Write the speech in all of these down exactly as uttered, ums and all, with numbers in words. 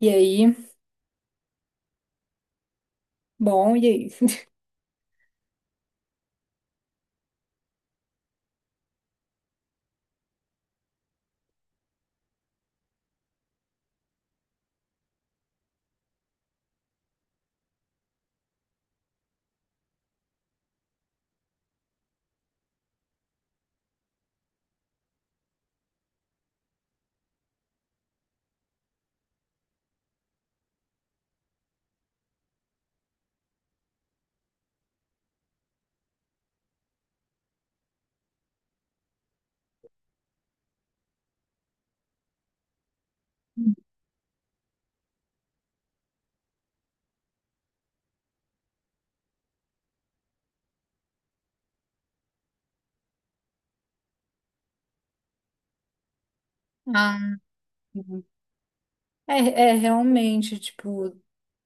E aí? Bom, e aí? Ah, É, é realmente, tipo,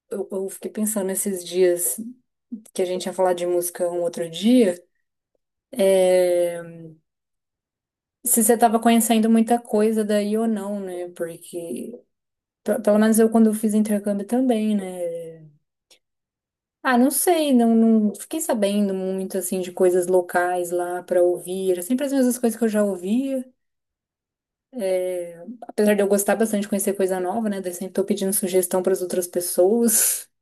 eu, eu fiquei pensando esses dias que a gente ia falar de música um outro dia, é, se você tava conhecendo muita coisa daí ou não, né? Porque, pe- pelo menos eu quando eu fiz intercâmbio também, né? Ah, não sei, não, não fiquei sabendo muito, assim, de coisas locais lá pra ouvir. Era sempre as mesmas coisas que eu já ouvia. É, apesar de eu gostar bastante de conhecer coisa nova, né? Daí sempre tô pedindo sugestão para as outras pessoas.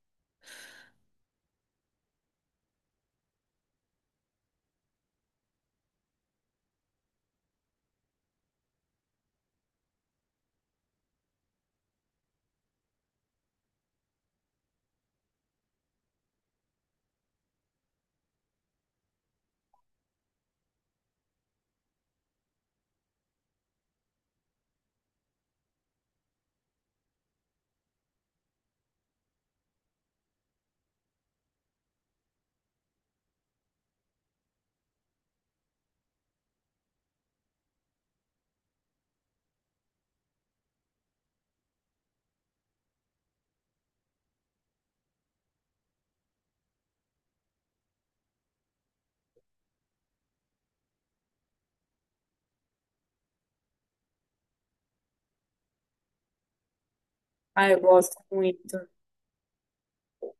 Ah, eu gosto muito.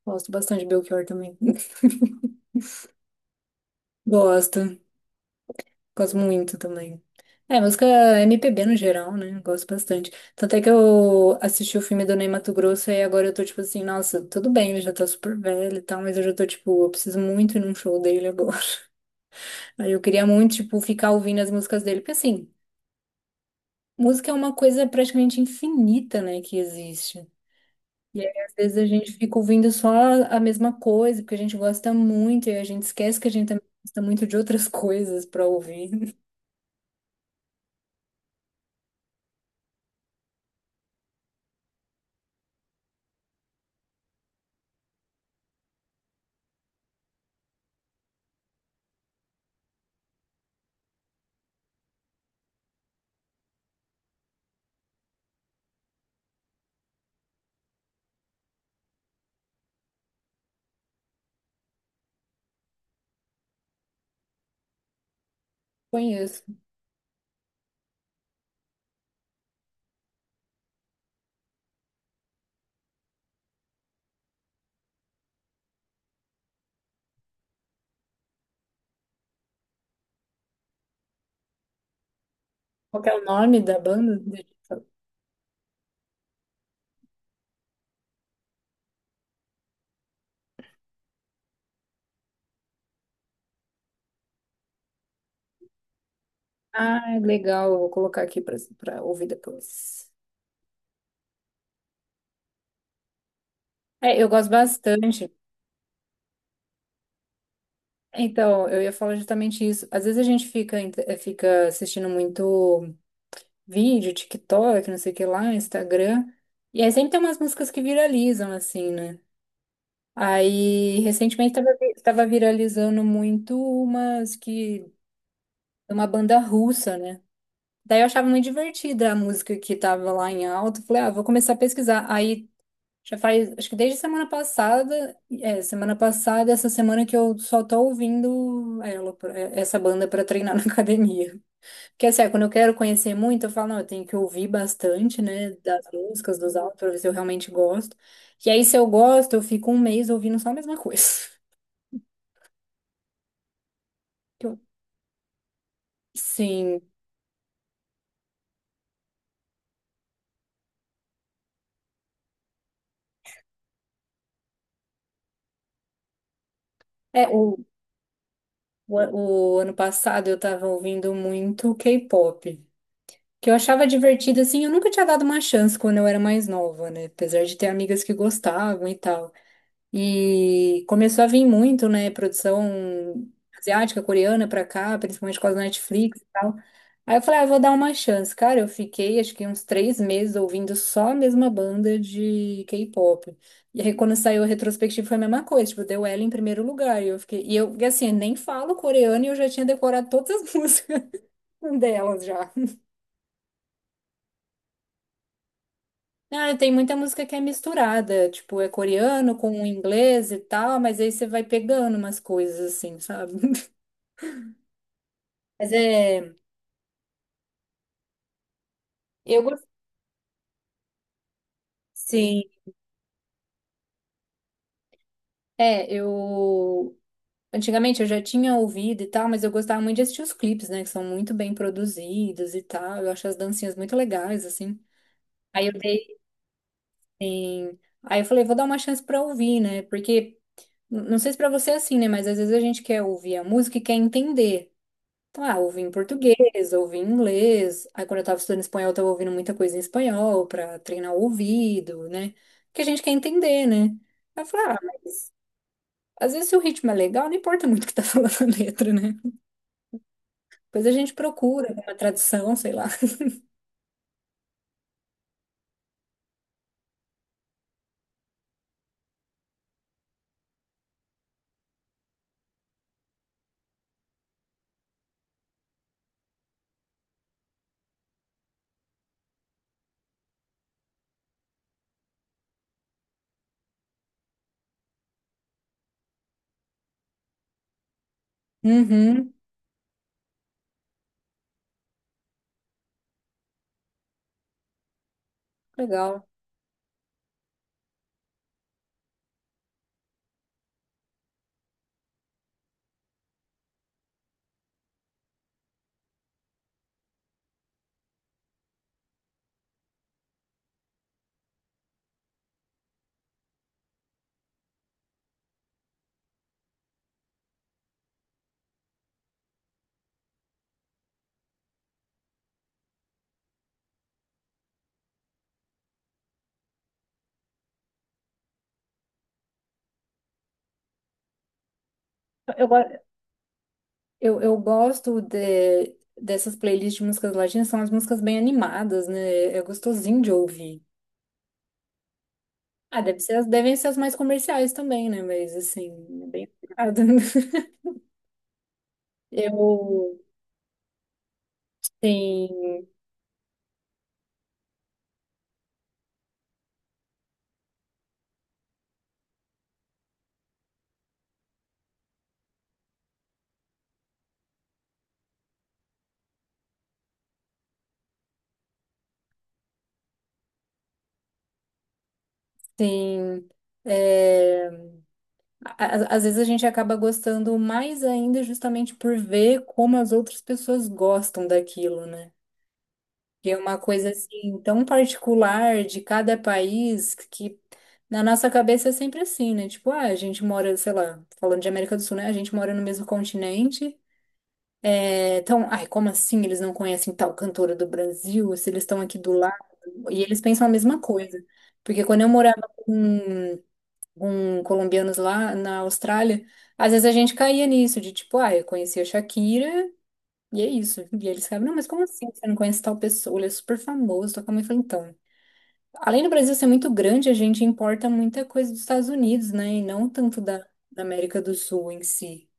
Gosto bastante de Belchior também. Gosto, gosto muito também. É, música M P B no geral, né? Gosto bastante. Tanto é que eu assisti o filme do Ney Matogrosso e agora eu tô tipo assim, nossa, tudo bem, ele já tá super velho e tal, mas eu já tô tipo, eu preciso muito ir num show dele agora. Aí eu queria muito, tipo, ficar ouvindo as músicas dele, porque assim, música é uma coisa praticamente infinita, né, que existe. E aí, às vezes, a gente fica ouvindo só a mesma coisa, porque a gente gosta muito, e a gente esquece que a gente também gosta muito de outras coisas para ouvir. Conheço. Qual que é o nome da banda? Deixa eu ver. Ah, legal, eu vou colocar aqui para para ouvir depois. É, eu gosto bastante. Então, eu ia falar justamente isso. Às vezes a gente fica, ent- eh, fica assistindo muito vídeo, TikTok, não sei o que lá, Instagram, e aí sempre tem umas músicas que viralizam, assim, né? Aí, recentemente, estava viralizando muito umas que… Uma banda russa, né? Daí eu achava muito divertida a música que tava lá em alta. Falei, ah, vou começar a pesquisar. Aí, já faz… Acho que desde semana passada… É, semana passada, essa semana que eu só tô ouvindo ela, pra- é, essa banda pra treinar na academia. Porque, assim, é, quando eu quero conhecer muito, eu falo, não, eu tenho que ouvir bastante, né? Das músicas, dos álbuns, pra ver se eu realmente gosto. E aí, se eu gosto, eu fico um mês ouvindo só a mesma coisa. Sim. É, o, o, o ano passado eu tava ouvindo muito K-pop, que eu achava divertido, assim, eu nunca tinha dado uma chance quando eu era mais nova, né? Apesar de ter amigas que gostavam e tal. E começou a vir muito, né, produção asiática, coreana pra cá, principalmente por causa da Netflix e tal. Aí eu falei, ah, vou dar uma chance. Cara, eu fiquei acho que uns três meses ouvindo só a mesma banda de K-pop. E aí quando saiu a retrospectiva foi a mesma coisa, tipo, deu ela em primeiro lugar. E eu fiquei, e eu, e assim, nem falo coreano e eu já tinha decorado todas as músicas delas já. Ah, tem muita música que é misturada, tipo, é coreano com inglês e tal, mas aí você vai pegando umas coisas assim, sabe? Mas é, eu gostei. Sim, é, eu antigamente eu já tinha ouvido e tal, mas eu gostava muito de assistir os clipes, né, que são muito bem produzidos e tal. Eu acho as dancinhas muito legais assim. Aí eu dei, em- aí eu falei, vou dar uma chance pra ouvir, né? Porque n- não sei se pra você é assim, né, mas às vezes a gente quer ouvir a música e quer entender. Então, ah, ouvi em português, ouvi em inglês. Aí quando eu tava estudando espanhol, eu tava ouvindo muita coisa em espanhol pra treinar o ouvido, né? Porque a gente quer entender, né? Aí eu falei, ah, às vezes, se o ritmo é legal, não importa muito o que tá falando a letra, né? Depois a gente procura uma tradução, sei lá. Uhum, legal. Eu, go- eu, eu gosto de, dessas playlists de músicas latinas, são as músicas bem animadas, né? É gostosinho de ouvir. Ah, deve ser, as- devem ser as mais comerciais também, né? Mas, assim, é bem… animado. Eu… Tem… Tem… a- às vezes a gente acaba gostando mais ainda justamente por ver como as outras pessoas gostam daquilo, né? Que é uma coisa assim tão particular de cada país que na nossa cabeça é sempre assim, né? Tipo, ah, a gente mora, sei lá, falando de América do Sul, né? A gente mora no mesmo continente. é, Então, ai, como assim eles não conhecem tal cantora do Brasil? Se eles estão aqui do lado? E eles pensam a mesma coisa. Porque quando eu morava com com colombianos lá na Austrália, às vezes a gente caía nisso, de tipo, ah, eu conheci a Shakira e é isso. E eles ficavam, não, mas como assim? Você não conhece tal pessoa? Ele é super famoso, toca muito. Eu falei, então, além do Brasil ser muito grande, a gente importa muita coisa dos Estados Unidos, né? E não tanto da, da América do Sul em si.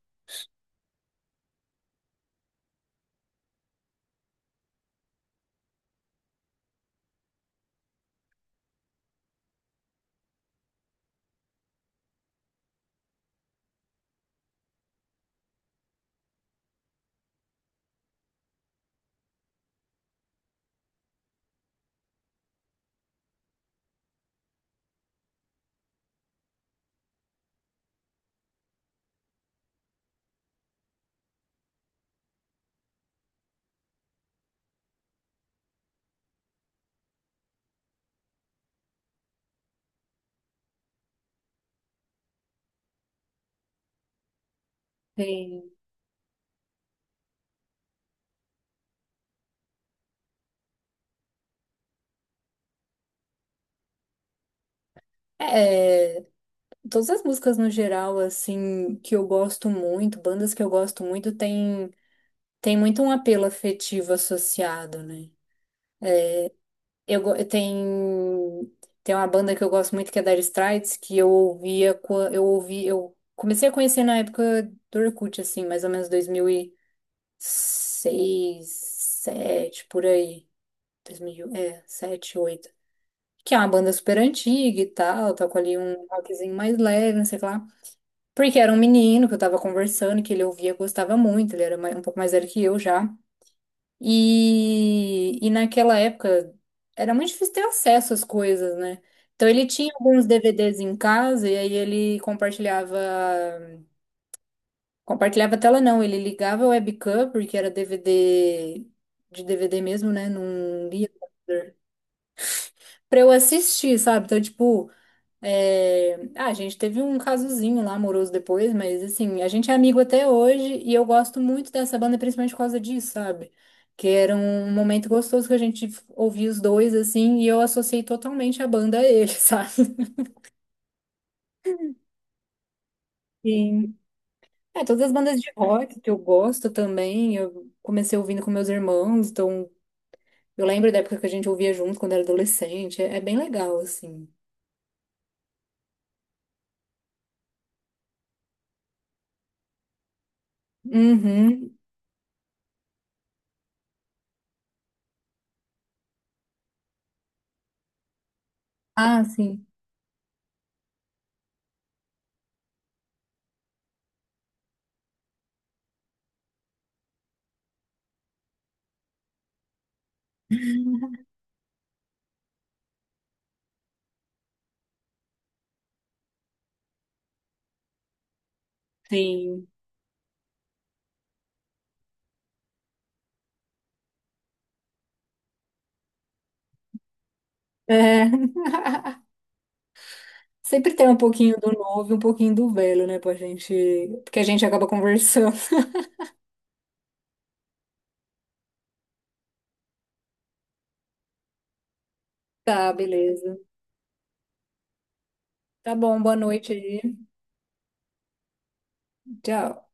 Tem. É, todas as músicas no geral, assim, que eu gosto muito, bandas que eu gosto muito, tem, tem muito um apelo afetivo associado, né? Eu, go- eu tem tem uma banda que eu gosto muito que é Dire Straits, que eu ouvia qua- eu ouvi eu comecei a conhecer na época do Orkut assim, mais ou menos dois mil e seis sete por aí. dois mil é, sete oito que é uma banda super antiga e tal, toco ali um rockzinho mais leve, não sei o que lá. Porque era um menino que eu tava conversando, que ele ouvia, gostava muito, ele era mais- um pouco mais velho que eu já. E, e naquela época era muito difícil ter acesso às coisas, né? Então ele tinha alguns D V Ds em casa e aí ele compartilhava, compartilhava a tela não, ele ligava a webcam porque era D V D de D V D mesmo, né? Não lia computador. Pra eu assistir, sabe? Então, tipo, é, ah, a gente teve um casozinho lá amoroso depois, mas assim, a gente é amigo até hoje e eu gosto muito dessa banda principalmente por causa disso, sabe? Que era um momento gostoso que a gente ouvia os dois assim e eu associei totalmente a banda a ele, sabe? Sim. É, todas as bandas de rock que eu gosto também, eu comecei ouvindo com meus irmãos, então eu lembro da época que a gente ouvia junto quando era adolescente, é, é bem legal assim. Uhum. Ah, sim. Sim. É. Sempre tem um pouquinho do novo e um pouquinho do velho, né, pra gente. Porque a gente acaba conversando. Tá, beleza. Tá bom, boa noite aí. Tchau.